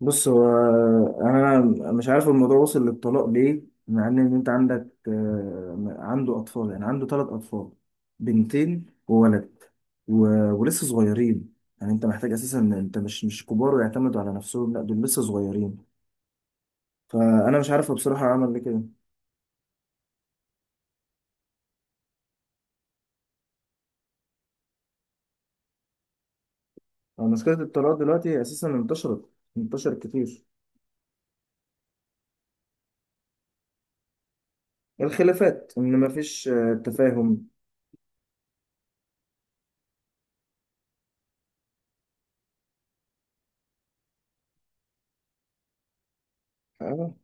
بص هو، يعني انا مش عارف الموضوع وصل للطلاق ليه. مع إن انت عندك عنده اطفال، يعني عنده 3 اطفال، بنتين وولد و... ولسه صغيرين. يعني انت محتاج اساسا إن انت مش كبار ويعتمدوا على نفسهم، لا دول لسه صغيرين. فانا مش عارف هو بصراحة عمل ليه كده. هو مشكلة الطلاق دلوقتي اساسا انتشرت، انتشرت كتير. الخلافات ان مفيش تفاهم.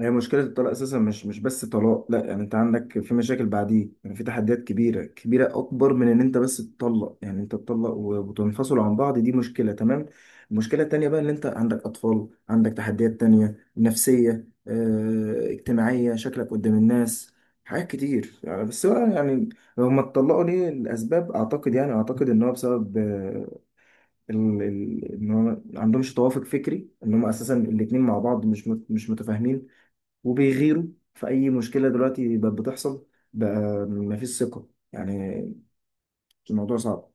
هي مشكلة الطلاق أساسا مش بس طلاق، لا، يعني أنت عندك في مشاكل بعديه، يعني في تحديات كبيرة، كبيرة أكبر من إن أنت بس تطلق. يعني أنت تطلق وتنفصل عن بعض، دي مشكلة تمام. المشكلة التانية بقى إن أنت عندك أطفال، عندك تحديات تانية نفسية، اجتماعية، شكلك قدام الناس، حاجات كتير يعني. بس بقى يعني هما اتطلقوا ليه؟ الأسباب أعتقد، يعني أعتقد إن هو بسبب إن هو ما عندهمش توافق فكري، إن هما أساسا الاتنين مع بعض مش متفاهمين وبيغيروا في اي مشكله دلوقتي بقت بتحصل. بقى مفيش ثقه يعني، الموضوع صعب.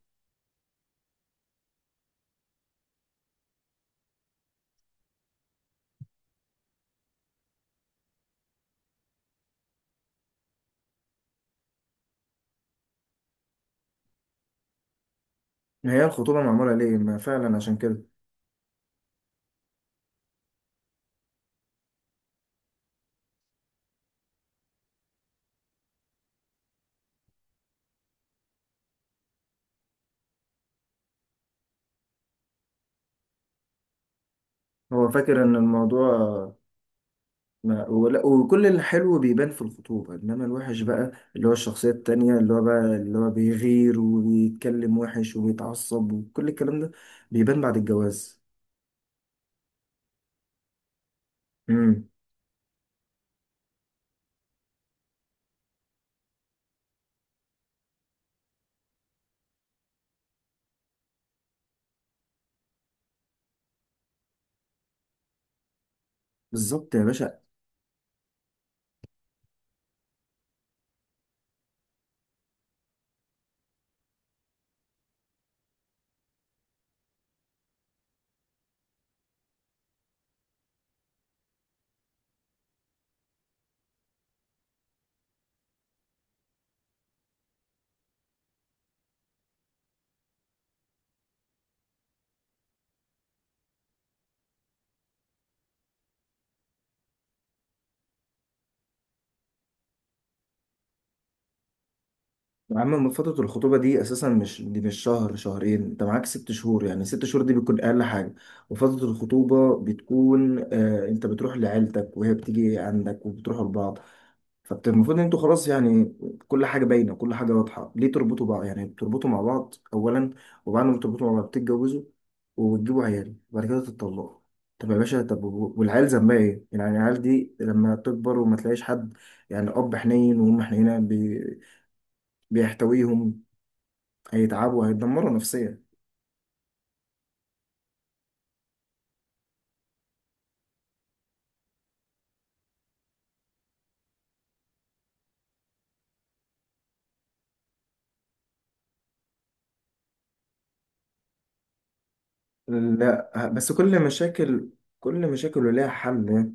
هي الخطوبه معموله ليه ما فعلا عشان كده. هو فاكر ان الموضوع ما ولا، وكل الحلو بيبان في الخطوبه، انما الوحش بقى اللي هو الشخصيه التانيه اللي هو بقى اللي هو بيغير وبيتكلم وحش وبيتعصب وكل الكلام ده بيبان بعد الجواز. امم بالظبط يا باشا. يا عم من فترة الخطوبة دي أساسا، مش دي مش شهر شهرين، أنت معاك 6 شهور، يعني 6 شهور دي بتكون أقل حاجة. وفترة الخطوبة بتكون آه أنت بتروح لعيلتك وهي بتيجي عندك وبتروحوا لبعض. فالمفروض أنتوا خلاص يعني كل حاجة باينة، كل حاجة واضحة. ليه تربطوا بعض؟ يعني بتربطوا مع بعض أولا، وبعد ما بتربطوا مع بعض بتتجوزوا وبتجيبوا عيال وبعد كده تتطلقوا. طب يا باشا طب والعيال ذنبها إيه؟ يعني العيال دي لما تكبر وما تلاقيش حد، يعني أب حنين وأم حنينة بيحتويهم، هيتعبوا، هيتدمروا نفسيا. لا بس كل مشاكل، كل مشاكل ليها حل.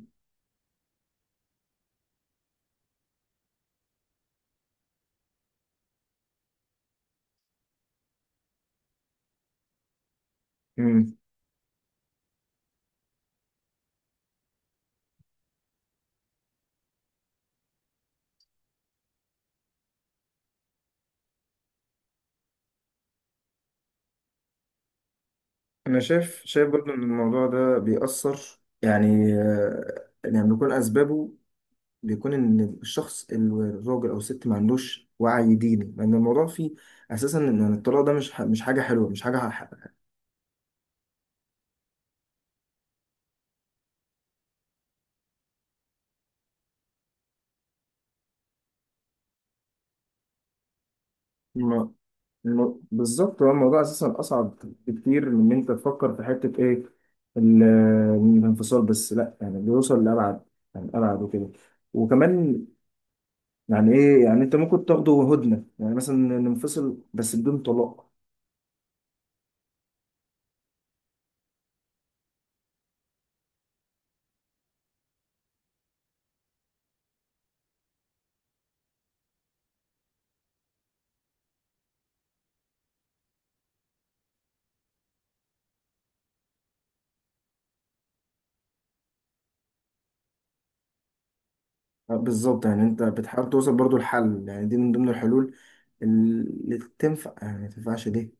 امم انا شايف برضو ان الموضوع ده بيأثر، يعني يعني بيكون اسبابه، بيكون ان الشخص الراجل او الست ما عندوش وعي ديني، لان الموضوع فيه اساسا ان الطلاق ده مش حاجه حلوه، مش حاجه. ما- بالظبط، هو الموضوع اساسا اصعب بكتير من ان انت تفكر في حته ايه، الانفصال بس، لا يعني بيوصل لابعد، يعني ابعد وكده. وكمان يعني ايه، يعني انت ممكن تاخده هدنه، يعني مثلا ننفصل بس بدون طلاق. بالظبط، يعني انت بتحاول توصل برضو لحل، يعني دي من ضمن الحلول اللي تنفع. يعني ما تنفعش ليه؟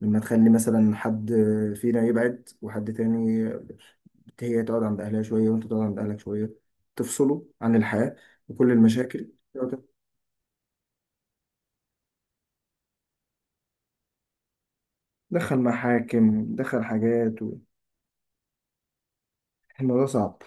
لما تخلي مثلا حد فينا يبعد وحد تاني، هي تقعد عند أهلها شوية وأنت تقعد عند أهلك شوية، تفصلوا عن الحياة وكل المشاكل. دخل محاكم، دخل حاجات الموضوع صعب.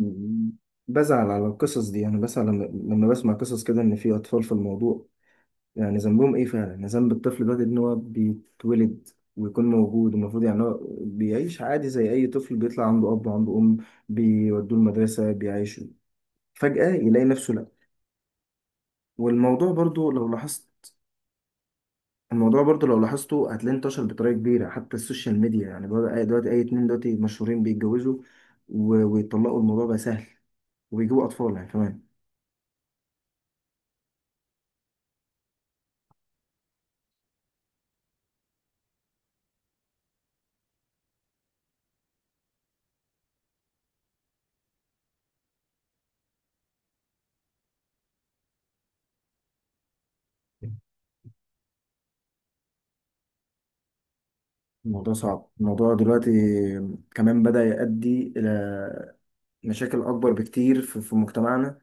مم. بزعل على القصص دي. أنا بزعل لما، لما بسمع قصص كده إن في أطفال في الموضوع. يعني ذنبهم إيه فعلا؟ ذنب الطفل ده إن هو بيتولد ويكون موجود؟ المفروض يعني هو بيعيش عادي زي أي طفل، بيطلع عنده أب وعنده أم، بيودوه المدرسة، بيعيشوا. فجأة يلاقي نفسه لأ. والموضوع برضو لو لاحظت، الموضوع برضو لو لاحظته هتلاقيه انتشر بطريقة كبيرة، حتى السوشيال ميديا، يعني بقى دلوقتي أي اتنين دلوقتي مشهورين بيتجوزوا ويطلقوا، الموضوع بقى سهل، وبيجيبوا أطفال يعني كمان. الموضوع صعب، الموضوع دلوقتي كمان بدأ يؤدي إلى مشاكل أكبر بكتير في مجتمعنا.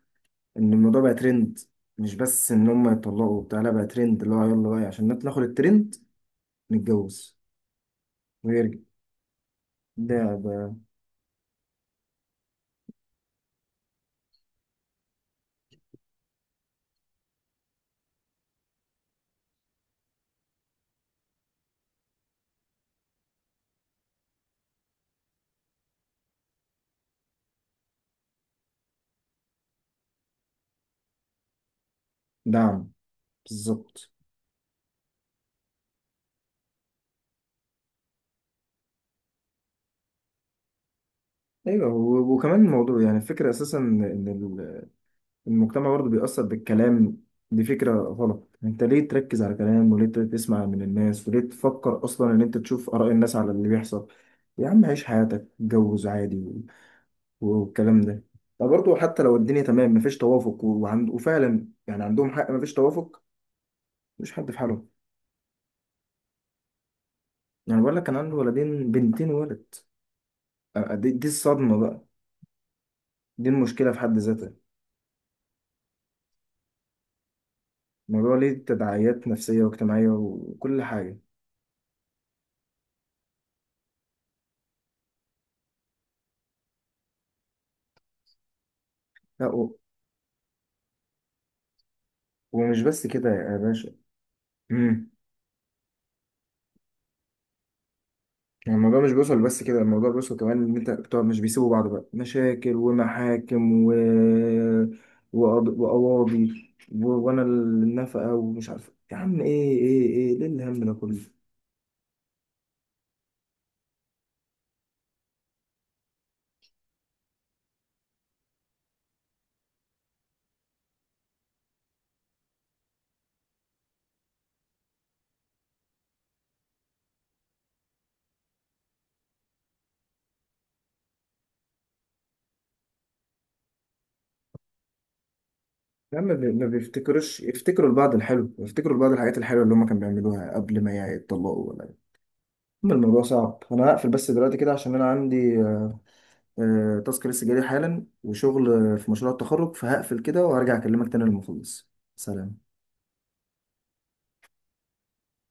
إن الموضوع بقى ترند، مش بس إن هم يطلقوا بتاع، لا بقى ترند اللي هو يلا بقى عشان ناخد الترند نتجوز ويرجع. ده ده دعم، بالظبط. ايوه وكمان الموضوع، يعني الفكره اساسا ان المجتمع برضه بيأثر بالكلام، دي فكرة غلط. انت ليه تركز على كلام؟ وليه تسمع من الناس؟ وليه تفكر اصلا ان انت تشوف آراء الناس على اللي بيحصل؟ يا عم عيش حياتك، اتجوز عادي والكلام ده. فبرضه حتى لو الدنيا تمام، مفيش توافق وعند، وفعلا يعني عندهم حق مفيش توافق، مش حد في حاله. يعني بقول لك كان عنده ولدين، بنتين ولد. دي الصدمة بقى، دي المشكلة في حد ذاتها. الموضوع ليه تداعيات نفسية واجتماعية وكل حاجة. لا ومش بس كده يا باشا. مم. الموضوع مش بيوصل بس كده، الموضوع بيوصل كمان ان انت بتوع مش بيسيبوا بعض بقى، مشاكل ومحاكم وقواضي وانا النفقه ومش عارف يا عم، ايه ايه ايه ليه الهم ده كله؟ يا عم ما بيفتكروش، يفتكروا البعض الحلو، يفتكروا البعض الحاجات الحلوه اللي هم كانوا بيعملوها قبل ما يتطلقوا ولا؟ اما الموضوع صعب. انا هقفل بس دلوقتي كده عشان انا عندي تاسك لسه جالي حالا وشغل في مشروع التخرج، فهقفل كده وهرجع اكلمك تاني لما اخلص. سلام.